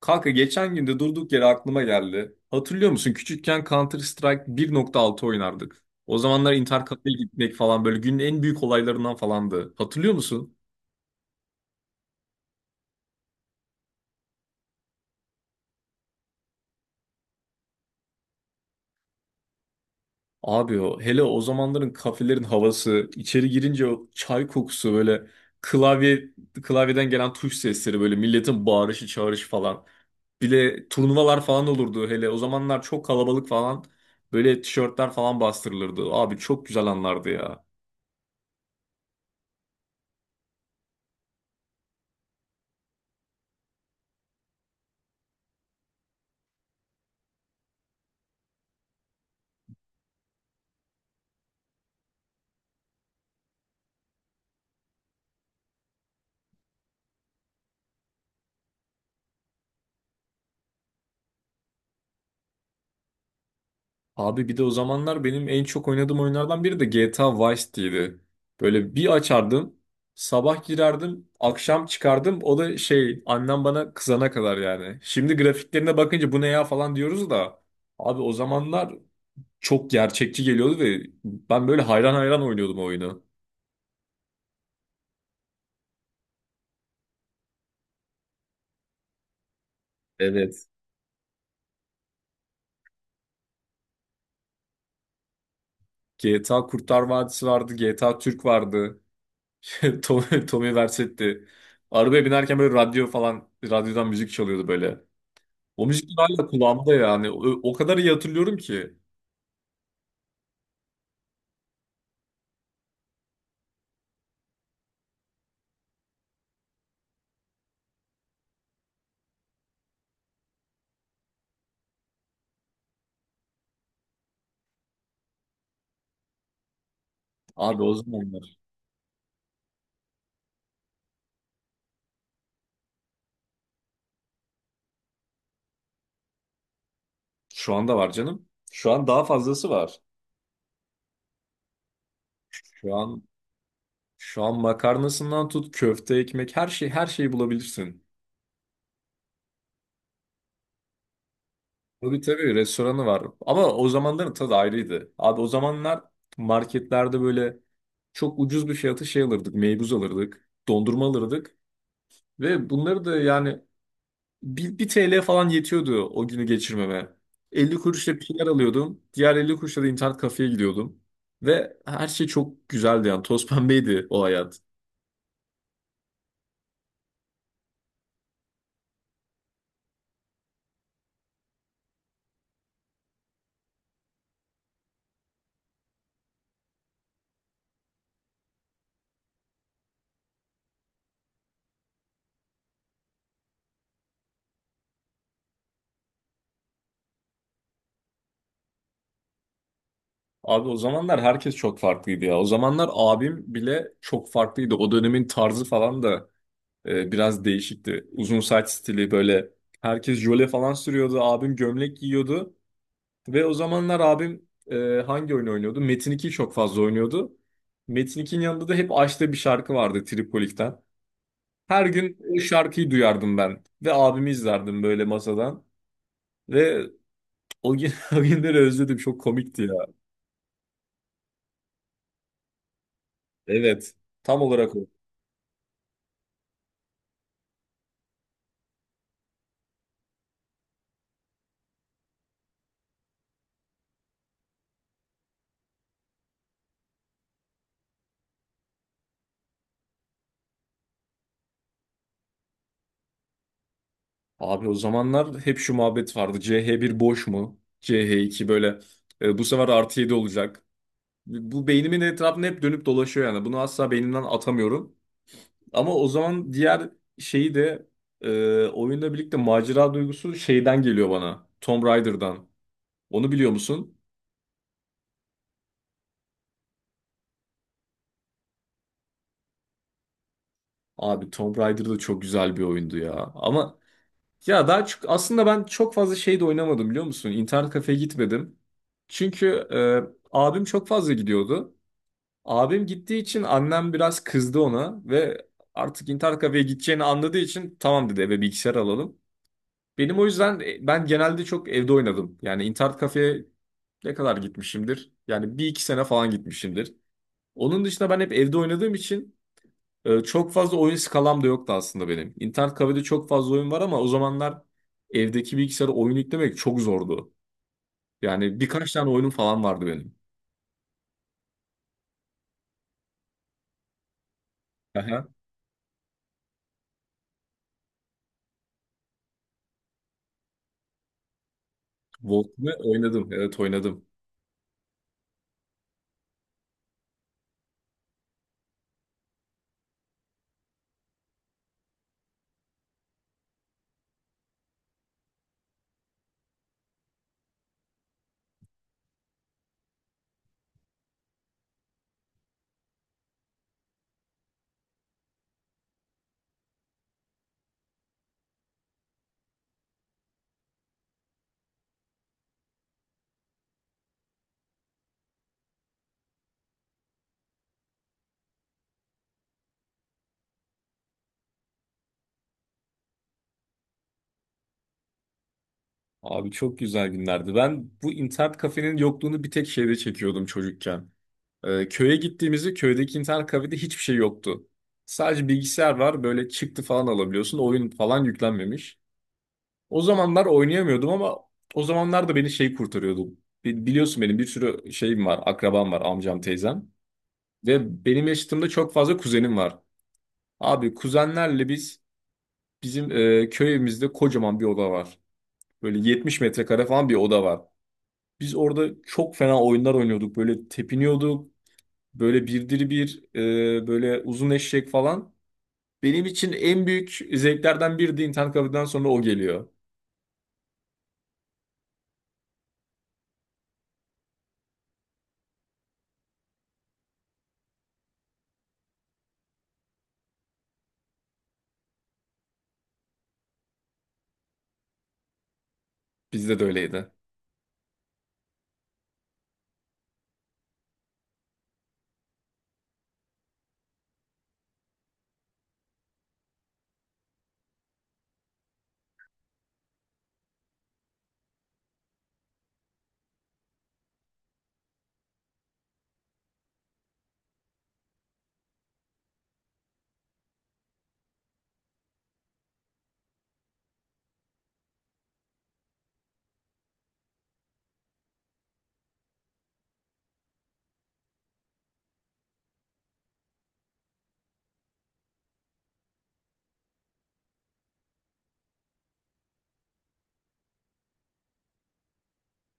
Kanka geçen gün de durduk yere aklıma geldi. Hatırlıyor musun? Küçükken Counter Strike 1.6 oynardık. O zamanlar intercafe'ye gitmek falan böyle günün en büyük olaylarından falandı. Hatırlıyor musun? Abi o hele o zamanların kafelerin havası, içeri girince o çay kokusu böyle klavye klavyeden gelen tuş sesleri böyle milletin bağırışı çağrışı falan. Bir de turnuvalar falan olurdu hele o zamanlar çok kalabalık falan böyle tişörtler falan bastırılırdı. Abi çok güzel anlardı ya. Abi bir de o zamanlar benim en çok oynadığım oyunlardan biri de GTA Vice City'ydi. Böyle bir açardım, sabah girerdim, akşam çıkardım. O da şey annem bana kızana kadar yani. Şimdi grafiklerine bakınca bu ne ya falan diyoruz da. Abi o zamanlar çok gerçekçi geliyordu ve ben böyle hayran hayran oynuyordum o oyunu. Evet. GTA Kurtlar Vadisi vardı, GTA Türk vardı. Tommy, Tommy Vercetti. Arabaya binerken böyle radyo falan, radyodan müzik çalıyordu böyle. O müzikler hala kulağımda yani. O kadar iyi hatırlıyorum ki. Abi o zamanlar. Şu anda var canım. Şu an daha fazlası var. Şu an şu an makarnasından tut köfte, ekmek her şey her şeyi bulabilirsin. Tabii tabii restoranı var. Ama o zamanların tadı ayrıydı. Abi o zamanlar marketlerde böyle çok ucuz bir fiyata şey alırdık. Meybuz alırdık. Dondurma alırdık. Ve bunları da yani Bir TL falan yetiyordu o günü geçirmeme. 50 kuruşla bir şeyler alıyordum. Diğer 50 kuruşla da internet kafeye gidiyordum. Ve her şey çok güzeldi yani. Toz pembeydi o hayat. Abi o zamanlar herkes çok farklıydı ya. O zamanlar abim bile çok farklıydı. O dönemin tarzı falan da biraz değişikti. Uzun saç stili böyle. Herkes jöle falan sürüyordu. Abim gömlek giyiyordu. Ve o zamanlar abim hangi oyun oynuyordu? Metin 2'yi çok fazla oynuyordu. Metin 2'nin yanında da hep açtığı bir şarkı vardı Tripolik'ten. Her gün o şarkıyı duyardım ben. Ve abimi izlerdim böyle masadan. Ve o günleri özledim. Çok komikti ya. Evet. Tam olarak o. Abi o zamanlar hep şu muhabbet vardı. C H bir boş mu? C H iki böyle bu sefer artı 7 olacak. Bu beynimin etrafında hep dönüp dolaşıyor yani. Bunu asla beynimden atamıyorum. Ama o zaman diğer şeyi de oyunla birlikte macera duygusu şeyden geliyor bana. Tomb Raider'dan. Onu biliyor musun? Abi Tomb Raider da çok güzel bir oyundu ya. Ama ya daha çok aslında ben çok fazla şey de oynamadım biliyor musun? İnternet kafeye gitmedim. Çünkü abim çok fazla gidiyordu. Abim gittiği için annem biraz kızdı ona ve artık internet kafeye gideceğini anladığı için tamam dedi, eve bilgisayar alalım. Benim o yüzden ben genelde çok evde oynadım. Yani internet kafeye ne kadar gitmişimdir? Yani bir iki sene falan gitmişimdir. Onun dışında ben hep evde oynadığım için çok fazla oyun skalam da yoktu aslında benim. İnternet kafede çok fazla oyun var ama o zamanlar evdeki bilgisayara oyun yüklemek çok zordu. Yani birkaç tane oyunum falan vardı benim. Aha. Wolf'u oynadım. Evet, oynadım. Abi çok güzel günlerdi. Ben bu internet kafenin yokluğunu bir tek şeyde çekiyordum çocukken. Köye gittiğimizde köydeki internet kafede hiçbir şey yoktu. Sadece bilgisayar var böyle çıktı falan alabiliyorsun. Oyun falan yüklenmemiş. O zamanlar oynayamıyordum ama o zamanlar da beni şey kurtarıyordu. Biliyorsun benim bir sürü şeyim var, akrabam var, amcam, teyzem. Ve benim yaşıtımda çok fazla kuzenim var. Abi kuzenlerle biz bizim köyümüzde kocaman bir oda var. Böyle 70 metrekare falan bir oda var. Biz orada çok fena oyunlar oynuyorduk. Böyle tepiniyorduk. Böyle böyle uzun eşek falan. Benim için en büyük zevklerden biri de internet kafeden sonra o geliyor. Bizde de öyleydi.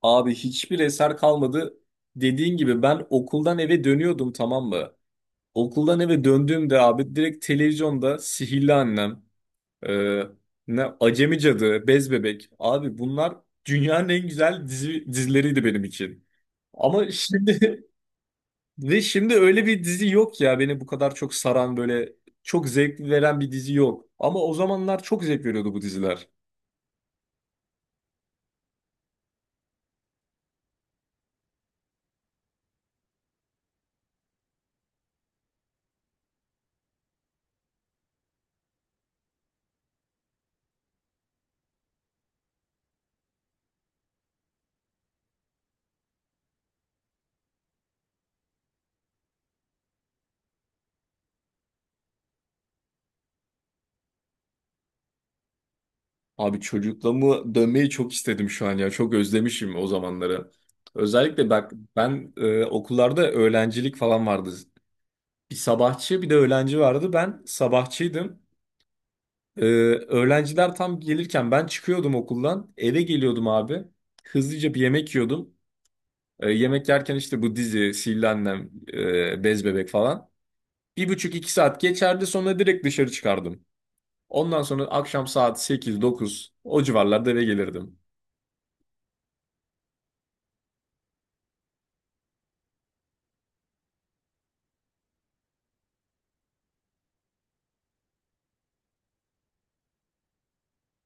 Abi hiçbir eser kalmadı. Dediğin gibi ben okuldan eve dönüyordum, tamam mı? Okuldan eve döndüğümde abi direkt televizyonda Sihirli Annem, e, ne Acemi Cadı, Bez Bebek. Abi bunlar dünyanın en güzel dizileriydi benim için. Ama şimdi ve şimdi öyle bir dizi yok ya beni bu kadar çok saran böyle çok zevk veren bir dizi yok. Ama o zamanlar çok zevk veriyordu bu diziler. Abi çocukluğumu dönmeyi çok istedim şu an ya. Çok özlemişim o zamanları. Özellikle bak ben okullarda öğrencilik falan vardı. Bir sabahçı bir de öğlenci vardı. Ben sabahçıydım. E, Öğrenciler tam gelirken ben çıkıyordum okuldan. Eve geliyordum abi. Hızlıca bir yemek yiyordum. Yemek yerken işte bu dizi, Sihirli Annem, Bez Bebek falan. 1,5 2 saat geçerdi sonra direkt dışarı çıkardım. Ondan sonra akşam saat 8 9 o civarlarda eve gelirdim.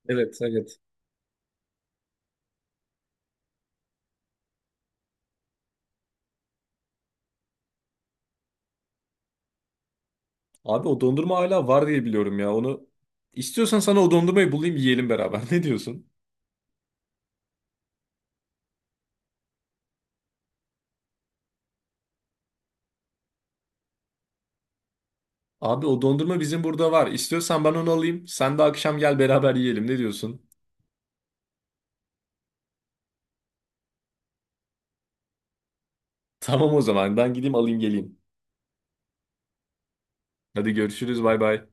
Evet, evet. Abi o dondurma hala var diye biliyorum ya. Onu istiyorsan sana o dondurmayı bulayım, yiyelim beraber. Ne diyorsun? Abi o dondurma bizim burada var. İstiyorsan ben onu alayım. Sen de akşam gel beraber yiyelim. Ne diyorsun? Tamam, o zaman ben gideyim alayım geleyim. Hadi görüşürüz, bay bay.